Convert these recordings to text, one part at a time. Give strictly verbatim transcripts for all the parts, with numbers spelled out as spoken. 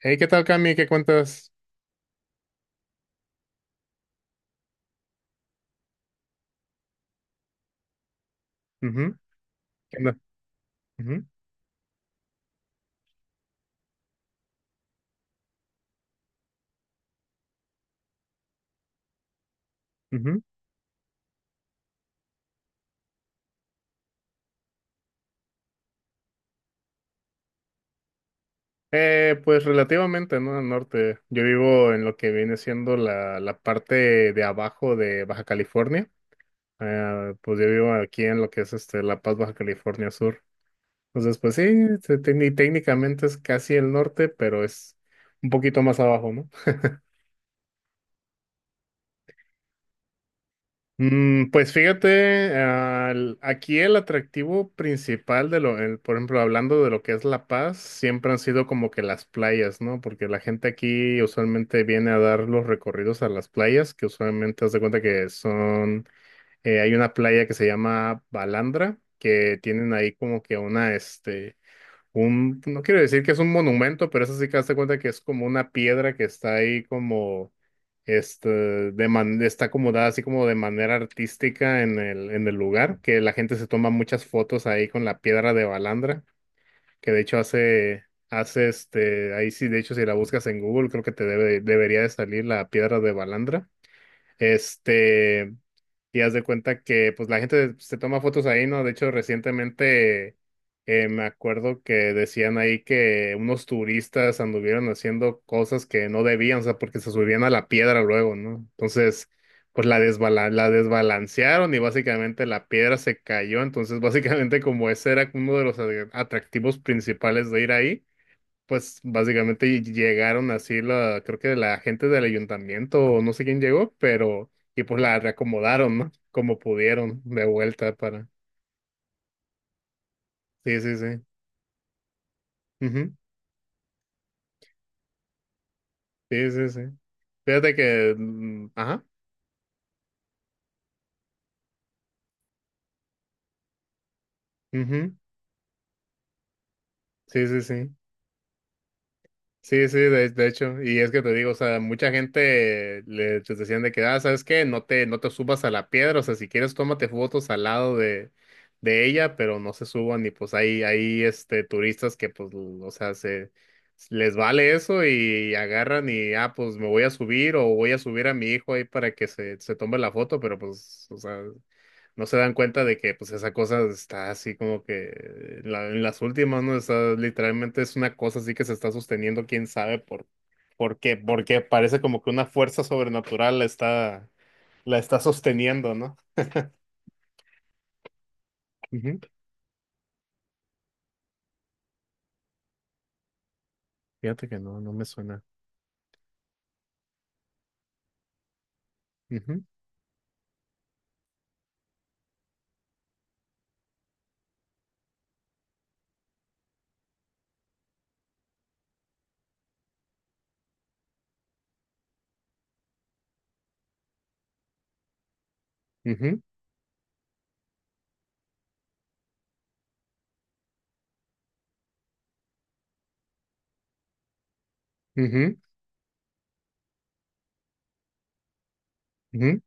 Hey, ¿qué tal, Cami? ¿Qué cuentas? Ujú. ¿Qué onda? Ujú, ujú. Eh, pues relativamente, ¿no? Al norte. Yo vivo en lo que viene siendo la, la parte de abajo de Baja California. Eh, pues yo vivo aquí en lo que es este La Paz, Baja California Sur. Entonces, pues sí, se- tec- y técnicamente es casi el norte, pero es un poquito más abajo, ¿no? Mm, pues fíjate, al- aquí el atractivo principal de lo, el- por ejemplo, hablando de lo que es La Paz, siempre han sido como que las playas, ¿no? Porque la gente aquí usualmente viene a dar los recorridos a las playas, que usualmente haz de cuenta que son, eh, hay una playa que se llama Balandra, que tienen ahí como que una, este un, no quiero decir que es un monumento, pero eso sí que hazte cuenta que es como una piedra que está ahí como, este, de man- está acomodada así como de manera artística en el, en el lugar, que la gente se toma muchas fotos ahí con la piedra de Balandra, que de hecho hace, hace este, ahí sí, de hecho si la buscas en Google creo que te debe, debería de salir la piedra de Balandra. Este, y haz de cuenta que pues la gente se toma fotos ahí, ¿no? De hecho, recientemente eh, me acuerdo que decían ahí que unos turistas anduvieron haciendo cosas que no debían, o sea, porque se subían a la piedra luego, ¿no? Entonces, pues la desbala- la desbalancearon y básicamente la piedra se cayó. Entonces, básicamente como ese era uno de los atractivos principales de ir ahí, pues básicamente llegaron así la, creo que la gente del ayuntamiento o no sé quién llegó, pero y pues la reacomodaron, ¿no? Como pudieron de vuelta para. Sí, sí, sí. Ujú. Sí, sí, sí. Fíjate que, mm, ajá. Ujú. Sí, sí, sí. Sí, sí, de, de hecho, y es que te digo, o sea, mucha gente le les decían de que, ah, ¿sabes qué? No te, no te subas a la piedra, o sea, si quieres tómate fotos al lado de, de ella, pero no se suban y pues hay, hay este, turistas que pues, l- o sea, se, les vale eso y agarran y, ah, pues me voy a subir o voy a subir a mi hijo ahí para que se, se tome la foto, pero pues, o sea, no se dan cuenta de que pues esa cosa está así como que en la- en las últimas, ¿no? Está literalmente, es una cosa así que se está sosteniendo, quién sabe por, por qué, porque parece como que una fuerza sobrenatural la está, la está sosteniendo, ¿no? Ujú. Fíjate que no, no me suena. Ujú, ujú, ujú, ujú,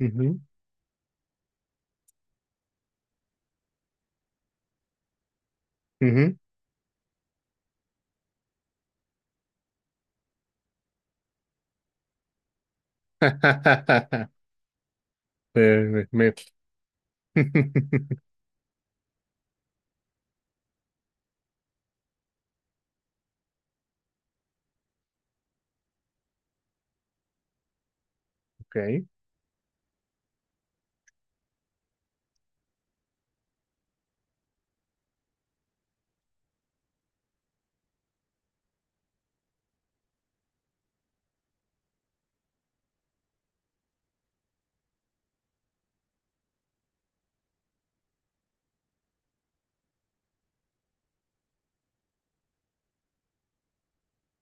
ujú, ujú. Eh, me- Ok.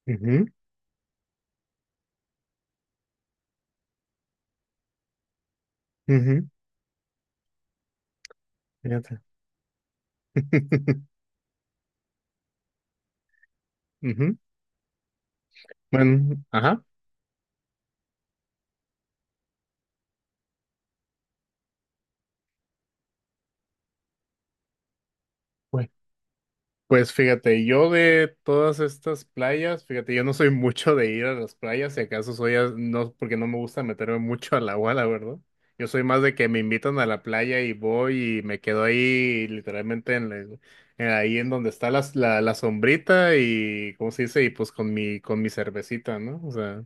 Ujú, ujú. Fíjate. Ujú. Bueno, ajá. Pues fíjate, yo de todas estas playas, fíjate, yo no soy mucho de ir a las playas, si acaso soy, a- no, porque no me gusta meterme mucho al agua, la verdad. Yo soy más de que me invitan a la playa y voy y me quedo ahí literalmente en, la- en eh, ahí en donde está las- la, la sombrita y, ¿cómo se dice? Y pues con mi, con mi cervecita, ¿no? O sea,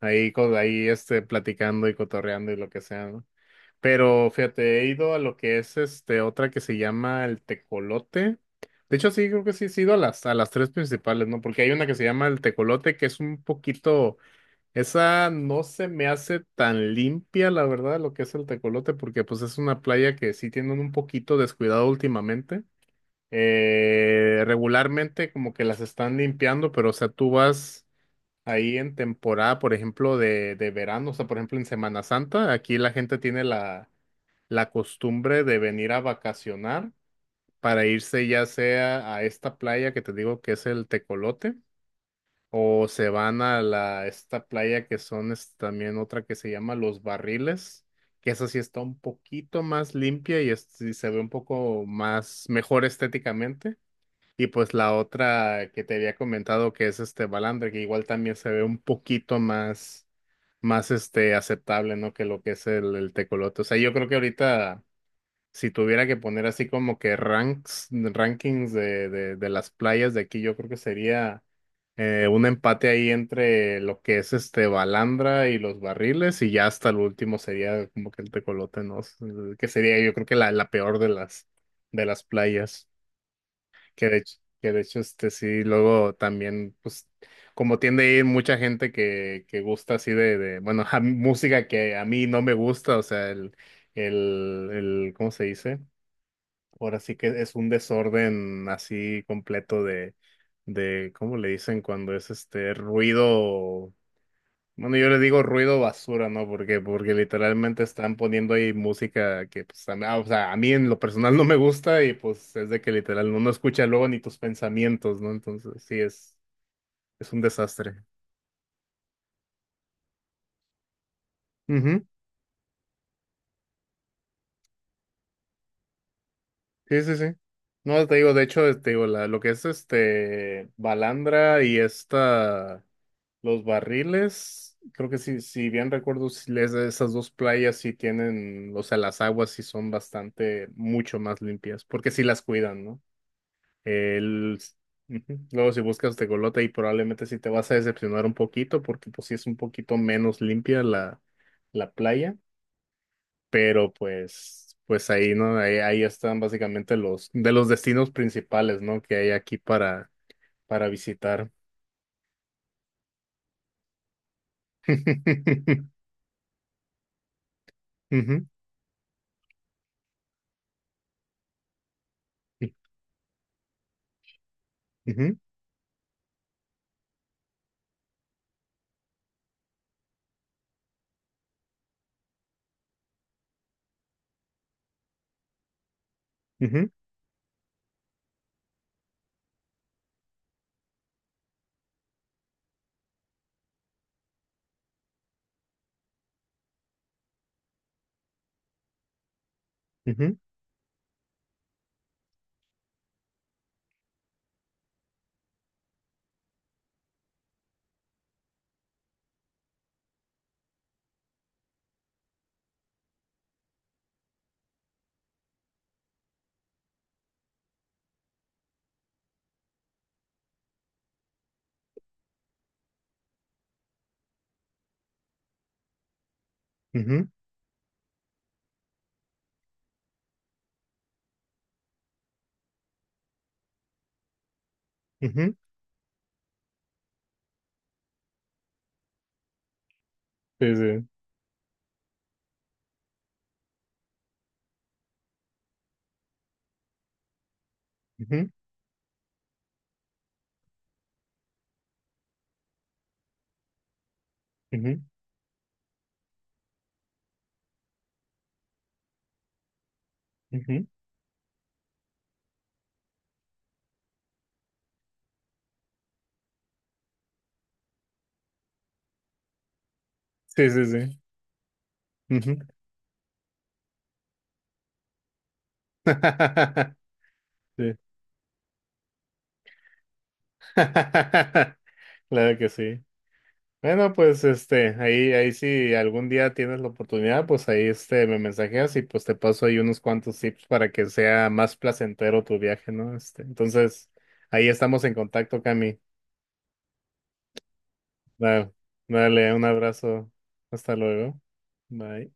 ahí, con, ahí este, platicando y cotorreando y lo que sea, ¿no? Pero fíjate, he ido a lo que es este otra que se llama el Tecolote. De hecho, sí, creo que sí, sí he ido a las, a las tres principales, ¿no? Porque hay una que se llama el Tecolote, que es un poquito, esa no se me hace tan limpia, la verdad, lo que es el Tecolote, porque pues es una playa que sí tienen un poquito descuidado últimamente. Eh, regularmente como que las están limpiando, pero o sea, tú vas ahí en temporada, por ejemplo, de, de verano, o sea, por ejemplo, en Semana Santa, aquí la gente tiene la la costumbre de venir a vacacionar para irse ya sea a esta playa que te digo que es el Tecolote, o se van a la esta playa que son es también otra que se llama Los Barriles, que esa sí está un poquito más limpia y, es- sí se ve un poco más mejor estéticamente. Y pues la otra que te había comentado que es este Balandre, que igual también se ve un poquito más más este aceptable, ¿no? Que lo que es el, el tecolote. O sea, yo creo que ahorita si tuviera que poner así como que ranks, rankings de, de, de las playas de aquí, yo creo que sería eh, un empate ahí entre lo que es este Balandra y los barriles, y ya hasta el último sería como que el Tecolote, ¿no? S- eh, Que sería yo creo que la, la peor de las de las playas. Que de hecho, que de hecho, este sí, luego también, pues, como tiende a ir mucha gente que, que gusta así de, de, bueno, música que a mí no me gusta, o sea, el, el, el, ¿cómo se dice? Ahora sí que es un desorden así completo de, de, ¿cómo le dicen cuando es este ruido? Bueno, yo le digo ruido basura, ¿no? Porque, porque literalmente están poniendo ahí música que, pues, a mí- ah, o sea, a mí en lo personal no me gusta y pues es de que literal no no escucha luego ni tus pensamientos, ¿no? Entonces, sí, es, es un desastre. Ujú. Sí, sí, sí. No, te digo, de hecho, te digo, la, lo que es este Balandra y esta. Los barriles, creo que si si bien recuerdo, si les- esas dos playas sí tienen, o sea, las aguas sí son bastante, mucho más limpias, porque sí las cuidan, ¿no? El, ujú. Luego si buscas Tecolote y probablemente sí te vas a decepcionar un poquito, porque pues sí es un poquito menos limpia la, la playa, pero pues, pues ahí, ¿no? Ahí, ahí están básicamente los, de los destinos principales, ¿no? Que hay aquí para, para visitar. Ujú, ujú, ujú. Ujú, ujú, ujú. Sí, sí. Ujú, ujú, ujú. Sí, sí, sí. Ujú. Sí. Claro que sí. Bueno, pues este, ahí, ahí si algún día tienes la oportunidad, pues ahí este me mensajeas y pues te paso ahí unos cuantos tips para que sea más placentero tu viaje, ¿no? Este, entonces, ahí estamos en contacto, Cami. Dale, dale, un abrazo. Hasta luego. Bye.